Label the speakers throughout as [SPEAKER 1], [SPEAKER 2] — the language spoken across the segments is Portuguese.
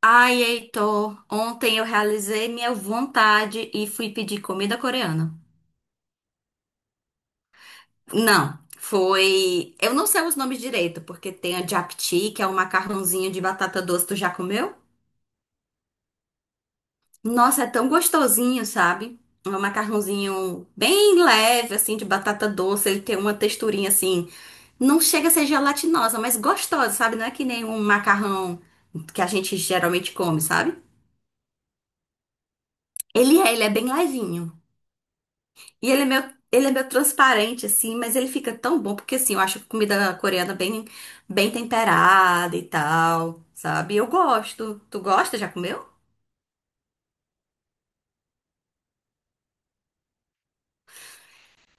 [SPEAKER 1] Ai, Heitor, ontem eu realizei minha vontade e fui pedir comida coreana. Não, foi. Eu não sei os nomes direito, porque tem a japchae, que é um macarrãozinho de batata doce. Tu já comeu? Nossa, é tão gostosinho, sabe? É um macarrãozinho bem leve, assim, de batata doce. Ele tem uma texturinha assim. Não chega a ser gelatinosa, mas gostosa, sabe? Não é que nem um macarrão que a gente geralmente come, sabe? Ele é bem levinho. E ele é meio transparente, assim, mas ele fica tão bom, porque assim, eu acho a comida coreana bem temperada e tal, sabe? Eu gosto. Tu gosta? Já comeu?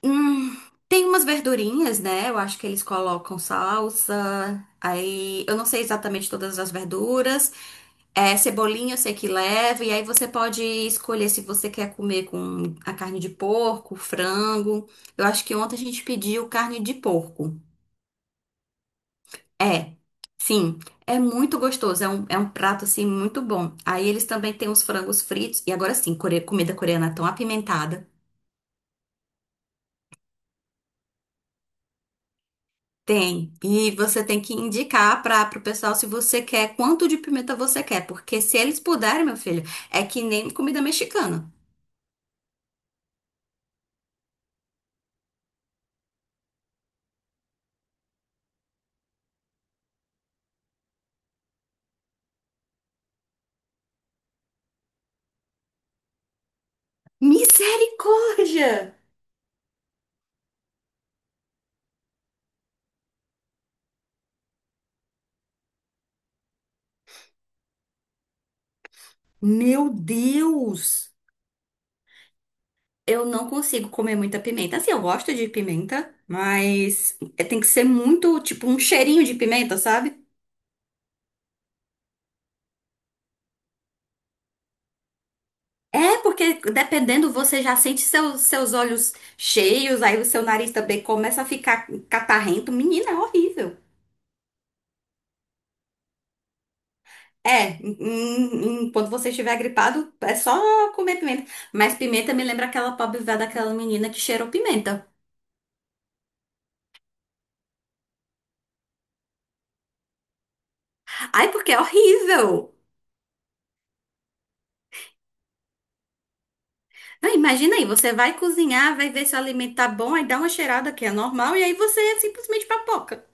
[SPEAKER 1] Hum, Tem umas verdurinhas, né? Eu acho que eles colocam salsa. Aí, eu não sei exatamente todas as verduras. É, cebolinha eu sei que leva. E aí você pode escolher se você quer comer com a carne de porco, frango. Eu acho que ontem a gente pediu carne de porco. É, sim, é muito gostoso, é um prato assim muito bom. Aí eles também têm os frangos fritos, e agora sim, comida coreana tão apimentada. Tem, e você tem que indicar para o pessoal se você quer, quanto de pimenta você quer, porque se eles puderem, meu filho, é que nem comida mexicana. Misericórdia! Meu Deus! Eu não consigo comer muita pimenta. Assim, eu gosto de pimenta, mas tem que ser muito, tipo, um cheirinho de pimenta, sabe? É, porque dependendo, você já sente seus olhos cheios, aí o seu nariz também começa a ficar catarrento. Menina, é horrível. É, quando você estiver gripado, é só comer pimenta. Mas pimenta me lembra aquela pobre véia daquela menina que cheirou pimenta. Ai, porque é horrível. Não, imagina aí, você vai cozinhar, vai ver se o alimento tá bom, aí dá uma cheirada que é normal, e aí você é simplesmente papoca.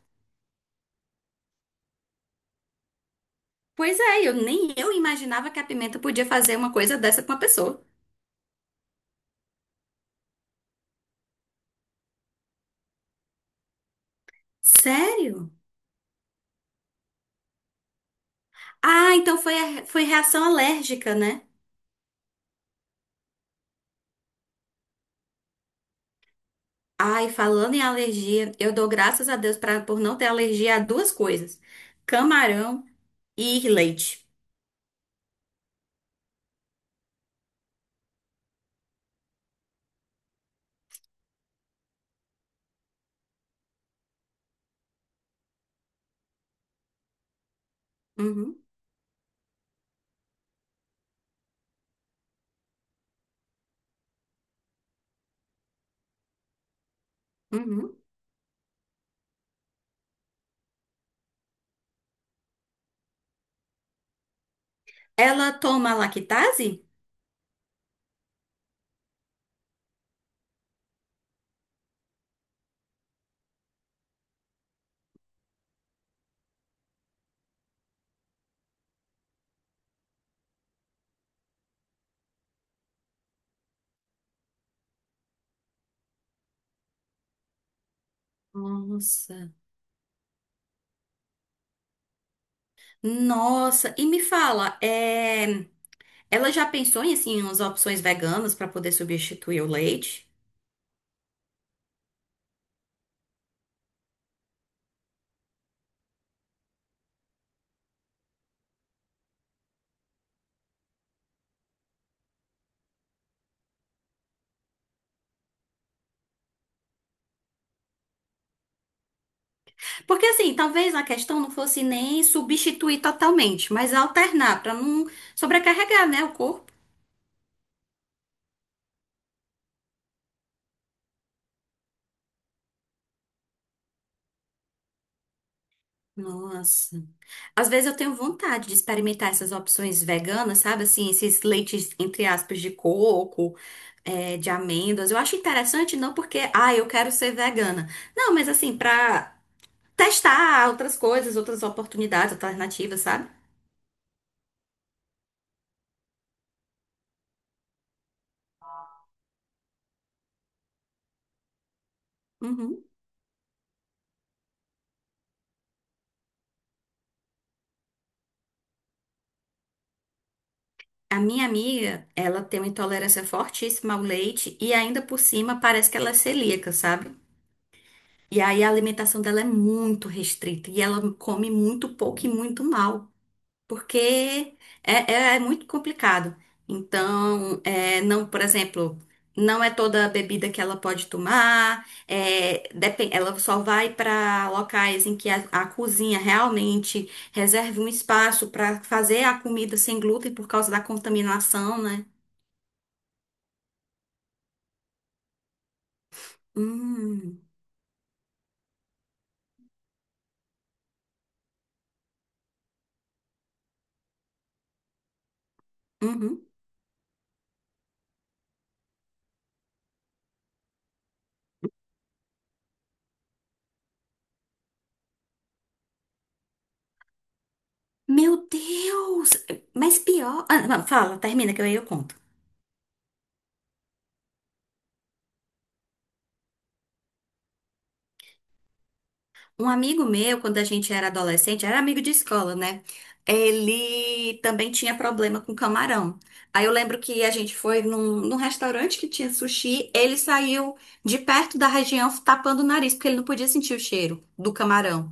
[SPEAKER 1] Pois é, eu nem eu imaginava que a pimenta podia fazer uma coisa dessa com uma pessoa. Sério? Ah, então foi, foi reação alérgica, né? Ai, falando em alergia, eu dou graças a Deus por não ter alergia a duas coisas: camarão e leite. Uhum, uhum. Ela toma lactase? Nossa. Nossa, e me fala, é, ela já pensou em assim umas opções veganas para poder substituir o leite? Porque assim, talvez a questão não fosse nem substituir totalmente, mas alternar para não sobrecarregar, né, o corpo. Nossa. Às vezes eu tenho vontade de experimentar essas opções veganas, sabe? Assim, esses leites, entre aspas, de coco, é, de amêndoas. Eu acho interessante, não porque, ah, eu quero ser vegana. Não, mas assim, pra testar outras coisas, outras oportunidades, alternativas, sabe? Uhum. A minha amiga, ela tem uma intolerância fortíssima ao leite e ainda por cima parece que ela é celíaca, sabe? E aí a alimentação dela é muito restrita e ela come muito pouco e muito mal. Porque é, é muito complicado. Então, é, não, por exemplo, não é toda a bebida que ela pode tomar, é, ela só vai para locais em que a cozinha realmente reserve um espaço para fazer a comida sem glúten por causa da contaminação, né? Hum, uhum. Meu Deus! Mas pior. Ah, não, fala, termina que aí eu conto. Um amigo meu, quando a gente era adolescente, era amigo de escola, né? Ele também tinha problema com camarão. Aí eu lembro que a gente foi num restaurante que tinha sushi, ele saiu de perto da região tapando o nariz, porque ele não podia sentir o cheiro do camarão.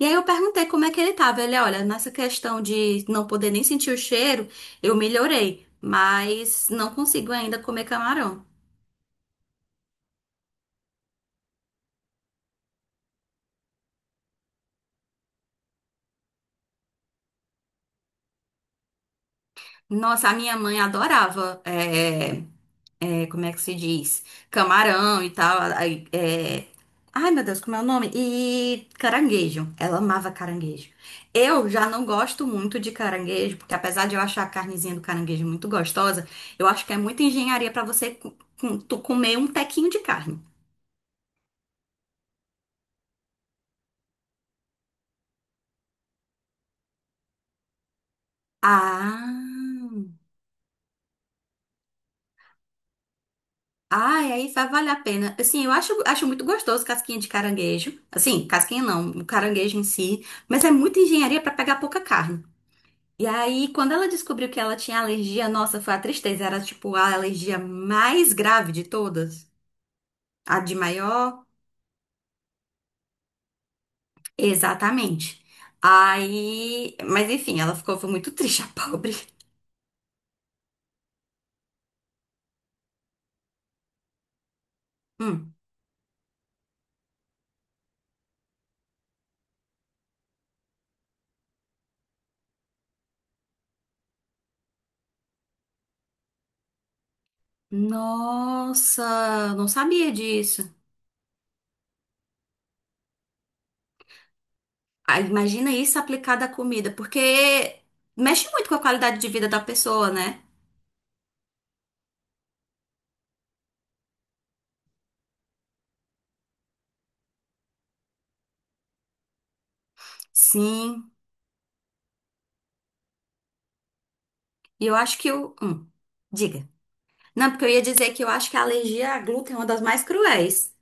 [SPEAKER 1] E aí eu perguntei como é que ele tava. Ele, olha, nessa questão de não poder nem sentir o cheiro, eu melhorei, mas não consigo ainda comer camarão. Nossa, a minha mãe adorava. É, como é que se diz? Camarão e tal. Aí, é, ai, meu Deus, como é o nome? E caranguejo. Ela amava caranguejo. Eu já não gosto muito de caranguejo, porque apesar de eu achar a carnezinha do caranguejo muito gostosa, eu acho que é muita engenharia pra você tu comer um tequinho de carne. Ah, ai, aí vai valer a pena. Assim, eu acho muito gostoso casquinha de caranguejo. Assim, casquinha não, o caranguejo em si. Mas é muita engenharia pra pegar pouca carne. E aí, quando ela descobriu que ela tinha alergia, nossa, foi a tristeza. Era tipo a alergia mais grave de todas. A de maior? Exatamente. Aí. Mas enfim, ela ficou foi muito triste, a pobre. Hum. Nossa, não sabia disso. Ah, imagina isso aplicado à comida, porque mexe muito com a qualidade de vida da pessoa, né? Sim. E eu acho que o. Diga. Não, porque eu ia dizer que eu acho que a alergia a glúten é uma das mais cruéis.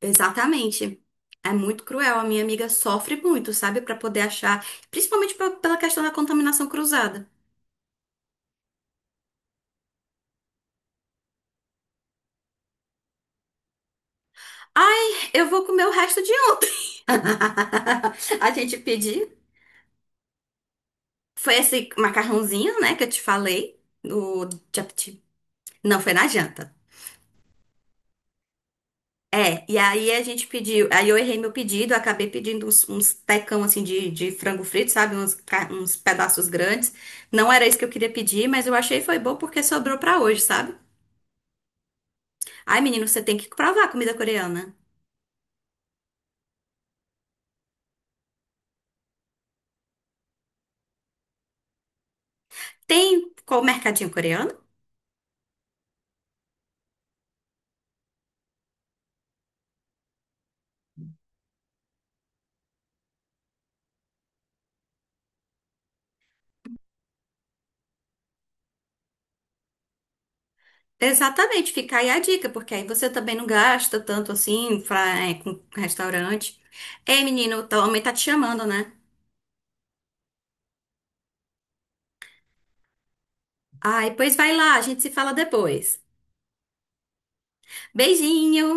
[SPEAKER 1] Exatamente. É muito cruel. A minha amiga sofre muito, sabe? Pra poder achar, principalmente pela questão da contaminação cruzada. Ai, eu vou comer o resto de ontem. A gente pediu. Foi esse macarrãozinho, né, que eu te falei, do chapati. Não, foi na janta. É, e aí a gente pediu, aí eu errei meu pedido, eu acabei pedindo uns tecão assim de frango frito, sabe? Uns, uns pedaços grandes. Não era isso que eu queria pedir, mas eu achei foi bom porque sobrou pra hoje, sabe? Ai, menino, você tem que provar a comida coreana. Tem qual mercadinho coreano? Exatamente, fica aí a dica, porque aí você também não gasta tanto assim pra, é, com restaurante. Ei, menino, tua mãe tá te chamando, né? Ai, pois vai lá, a gente se fala depois. Beijinho!